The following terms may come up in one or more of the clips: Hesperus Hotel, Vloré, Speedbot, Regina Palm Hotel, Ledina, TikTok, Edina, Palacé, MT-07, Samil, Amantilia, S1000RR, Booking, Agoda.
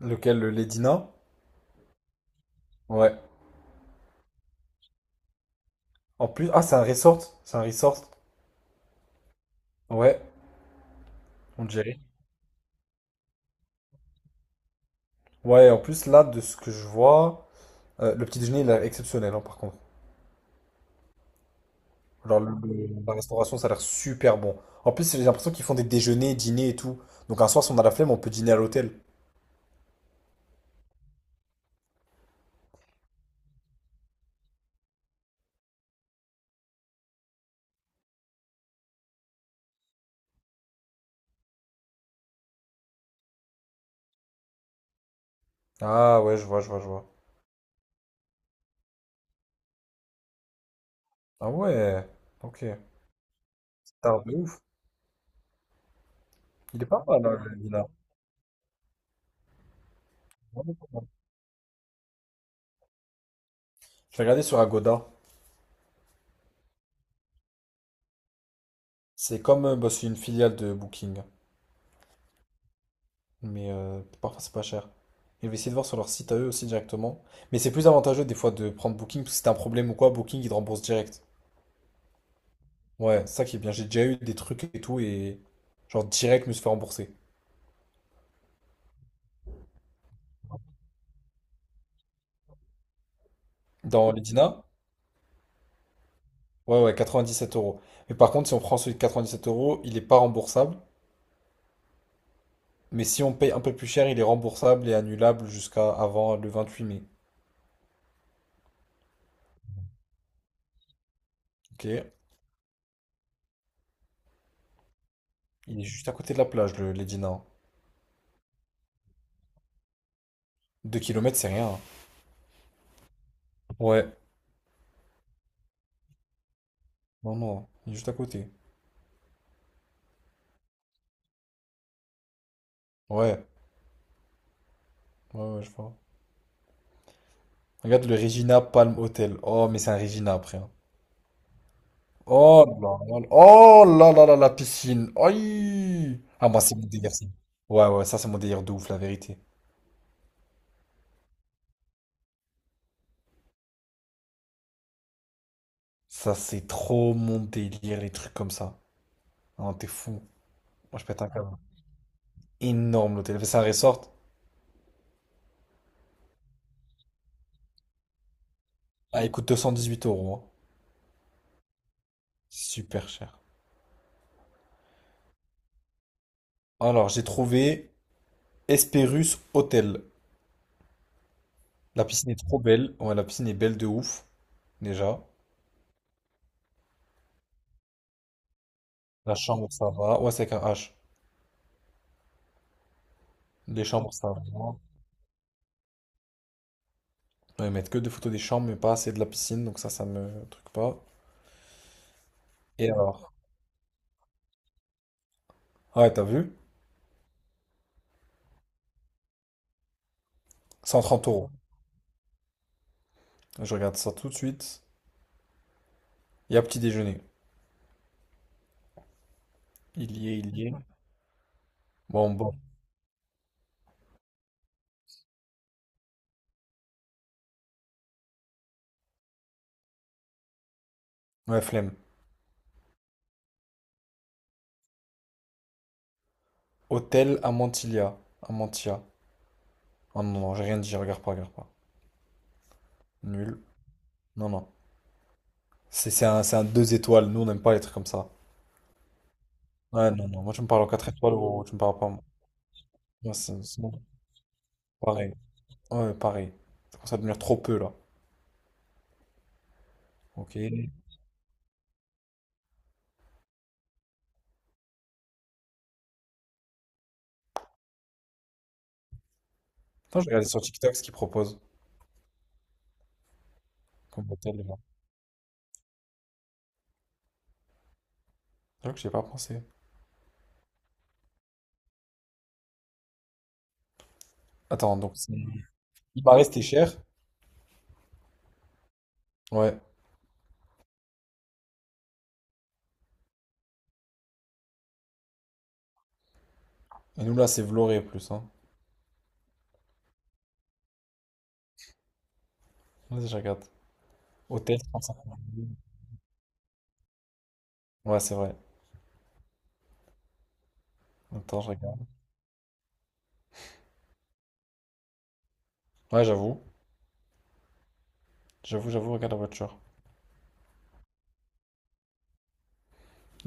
Lequel, le Ledina? Ouais. En plus, ah, c'est un resort. C'est un resort. Ouais, on dirait. Ouais, en plus, là, de ce que je vois, le petit déjeuner, il est exceptionnel, hein, par contre. Genre, la restauration, ça a l'air super bon. En plus, j'ai l'impression qu'ils font des déjeuners, dîners et tout. Donc, un soir, si on a la flemme, on peut dîner à l'hôtel. Ah, ouais, je vois, je vois, je vois. Ah, ouais, ok. C'est un de ouf. Il est pas mal, hein, le Ledina. Vraiment pas mal. Je vais regarder sur Agoda. C'est comme, bah, c'est une filiale de Booking. Mais parfois c'est pas cher. Et je vais essayer de voir sur leur site à eux aussi directement. Mais c'est plus avantageux des fois de prendre Booking, parce que si t'as un problème ou quoi, Booking il te rembourse direct. Ouais, c'est ça qui est bien. J'ai déjà eu des trucs et tout, et genre direct je me suis fait rembourser. Dans l'Edina, ouais, ouais, 97 euros. Mais par contre, si on prend celui de 7 euros, il est pas remboursable. Mais si on paye un peu plus cher, il est remboursable et annulable jusqu'à avant le 28 mai. Ok. Il est juste à côté de la plage, le l'Edina. 2 kilomètres, c'est rien, hein. Ouais. Non, non, il est juste à côté. Ouais, ouais, ouais, je vois. Regarde le Regina Palm Hotel. Oh, mais c'est un Regina après, hein. Oh là là là. Oh là là là, la piscine. Aïe. Ah, moi, c'est mon délire, ça. Ouais, ouais, ça, c'est mon délire de ouf, la vérité. Ça, c'est trop mon délire, les trucs comme ça. Non, t'es fou. Moi, je pète un câble. Énorme, l'hôtel. C'est un resort. Ah, il coûte 218 euros, hein. Super cher. Alors, j'ai trouvé Hesperus Hotel. La piscine est trop belle. Ouais, la piscine est belle de ouf, déjà. La chambre, ça va. Ouais, c'est avec un H. Les chambres, ça va. Ouais, ils mettent que des photos des chambres, mais pas assez de la piscine, donc ça me truc pas. Et alors? Ouais, t'as vu? 130 euros. Je regarde ça tout de suite. Il y a petit déjeuner. Il y est. Bon, bon. Ouais, flemme. Hôtel Amantilia. Amantia. Oh non, non, j'ai rien dit, regarde pas, regarde pas. Nul. Non, non. C'est un 2 étoiles. Nous, on n'aime pas les trucs comme ça. Ouais, non, non. Moi, tu me parles en 4 étoiles ou tu me parles pas, moi. Ouais, c'est bon. Pareil. Ouais, pareil. Ça commence à devenir trop peu, là. Ok. Attends, je regarde sur TikTok ce qu'ils proposent comme hôtel. J'avoue que j'ai pas pensé. Attends, donc il paraît c'était cher. Ouais. Et nous là c'est Vloré plus, hein. Vas-y, je regarde. Hôtel 35. Ouais, c'est vrai. Attends, je regarde. Ouais, j'avoue. J'avoue, j'avoue, regarde la voiture.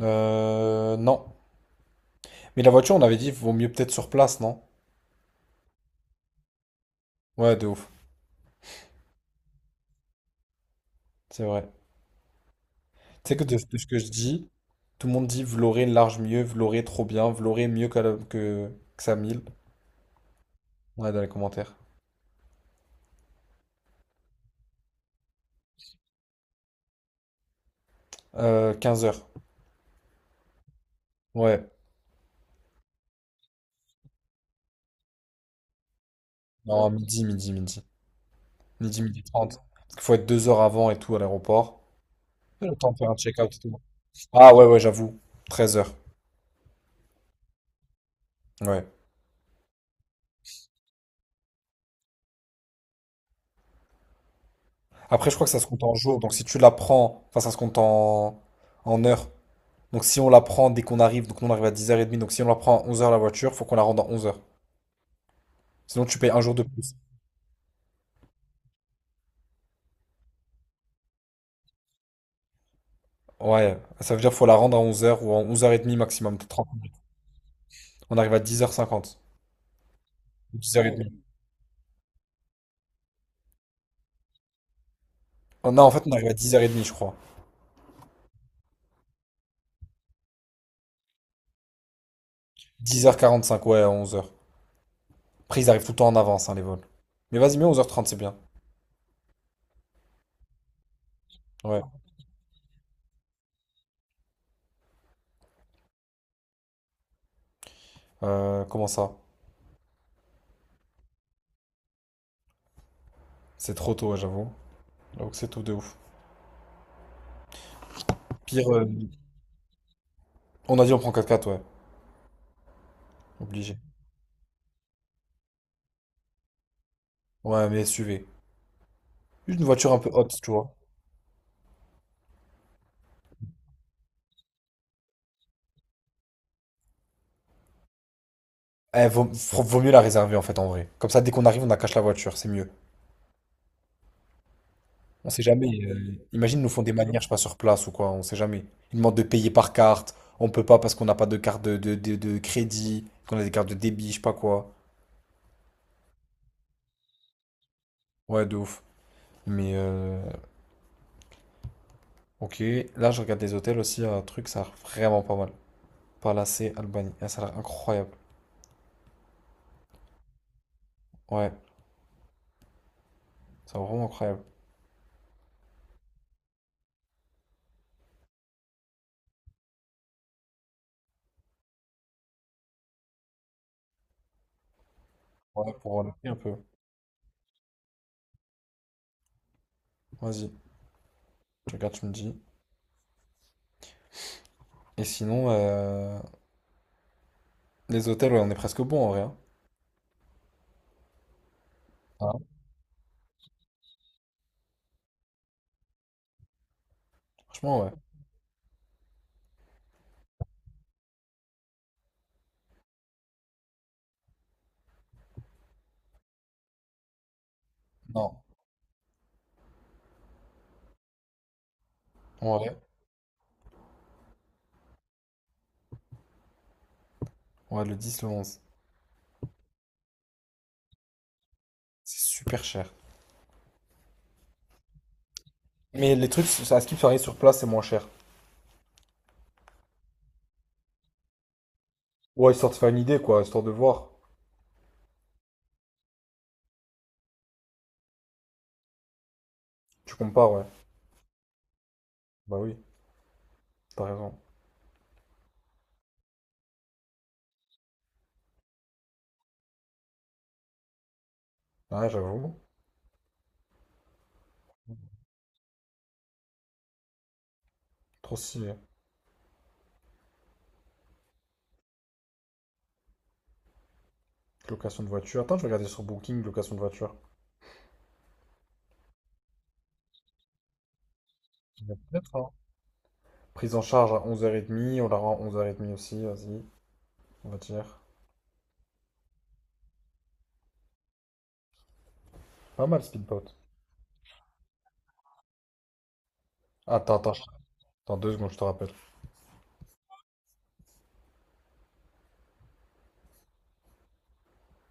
Non. Mais la voiture, on avait dit, vaut mieux peut-être sur place, non? Ouais, de ouf. C'est vrai. Tu sais que de ce que je dis, tout le monde dit Vloré large mieux, Vloré trop bien, Vloré mieux que Samil. Ouais, dans les commentaires. 15 heures. Ouais. Non, midi, midi, midi. Ni midi, midi 30. Parce qu'il faut être 2 heures avant et tout à l'aéroport. Et le temps de faire un check-out et tout. Ah ouais, ouais, j'avoue. 13 heures. Ouais. Après, je crois que ça se compte en jours. Donc si tu la prends, enfin, ça se compte en heures. Donc si on la prend dès qu'on arrive, donc nous on arrive à 10h30. Donc si on la prend à 11h la voiture, faut qu'on la rende à 11h. Sinon, tu payes un jour de plus. Ouais. Ça veut dire qu'il faut la rendre à 11h ou à 11h30 maximum. T'as On arrive à 10h50. 10h30. Non, en fait, on arrive à 10h30, je crois. 10h45, ouais, à 11h. Après, ils arrivent tout le temps en avance, hein, les vols. Mais vas-y, mets 11h30, c'est bien. Ouais. Comment ça? C'est trop tôt, ouais, j'avoue. J'avoue que c'est tout de ouf. Pire, on a dit on prend 4 x ouais. Obligé. Ouais, mais SUV. Juste une voiture un peu haute, tu vois. Eh, vaut mieux la réserver, en fait, en vrai. Comme ça, dès qu'on arrive, on cache la voiture, c'est mieux. On sait jamais. Imagine, ils nous font des manières, je sais pas, sur place ou quoi, on sait jamais. Ils demandent de payer par carte. On peut pas parce qu'on n'a pas de carte de, crédit, qu'on a des cartes de débit, je sais pas quoi. Ouais, de ouf. Mais ok, là je regarde des hôtels aussi, un truc, ça a l'air vraiment pas mal. Palacé, Albanie, ah, ça a l'air incroyable. Ouais, ça a l'air vraiment incroyable. Ouais, pour le prix un peu. Vas-y, je regarde, tu me dis. Et sinon, les hôtels, ouais, on est presque bon en vrai, hein. Franchement, ouais. Non, en vrai, ouais, le 10 le 11. C'est super cher. Mais les trucs, à ce qui arrive sur place, c'est moins cher. Ouais, histoire de faire une idée, quoi, histoire de voir. Tu compares, ouais. Bah oui, t'as raison. Ouais, j'avoue. Trop stylé. Location de voiture. Attends, je vais regarder sur Booking, location de voiture. Prise en charge à 11h30, on la rend 11h30 aussi, vas-y, on va dire. Pas mal, Speedbot. Attends, attends, attends 2 secondes, je te rappelle.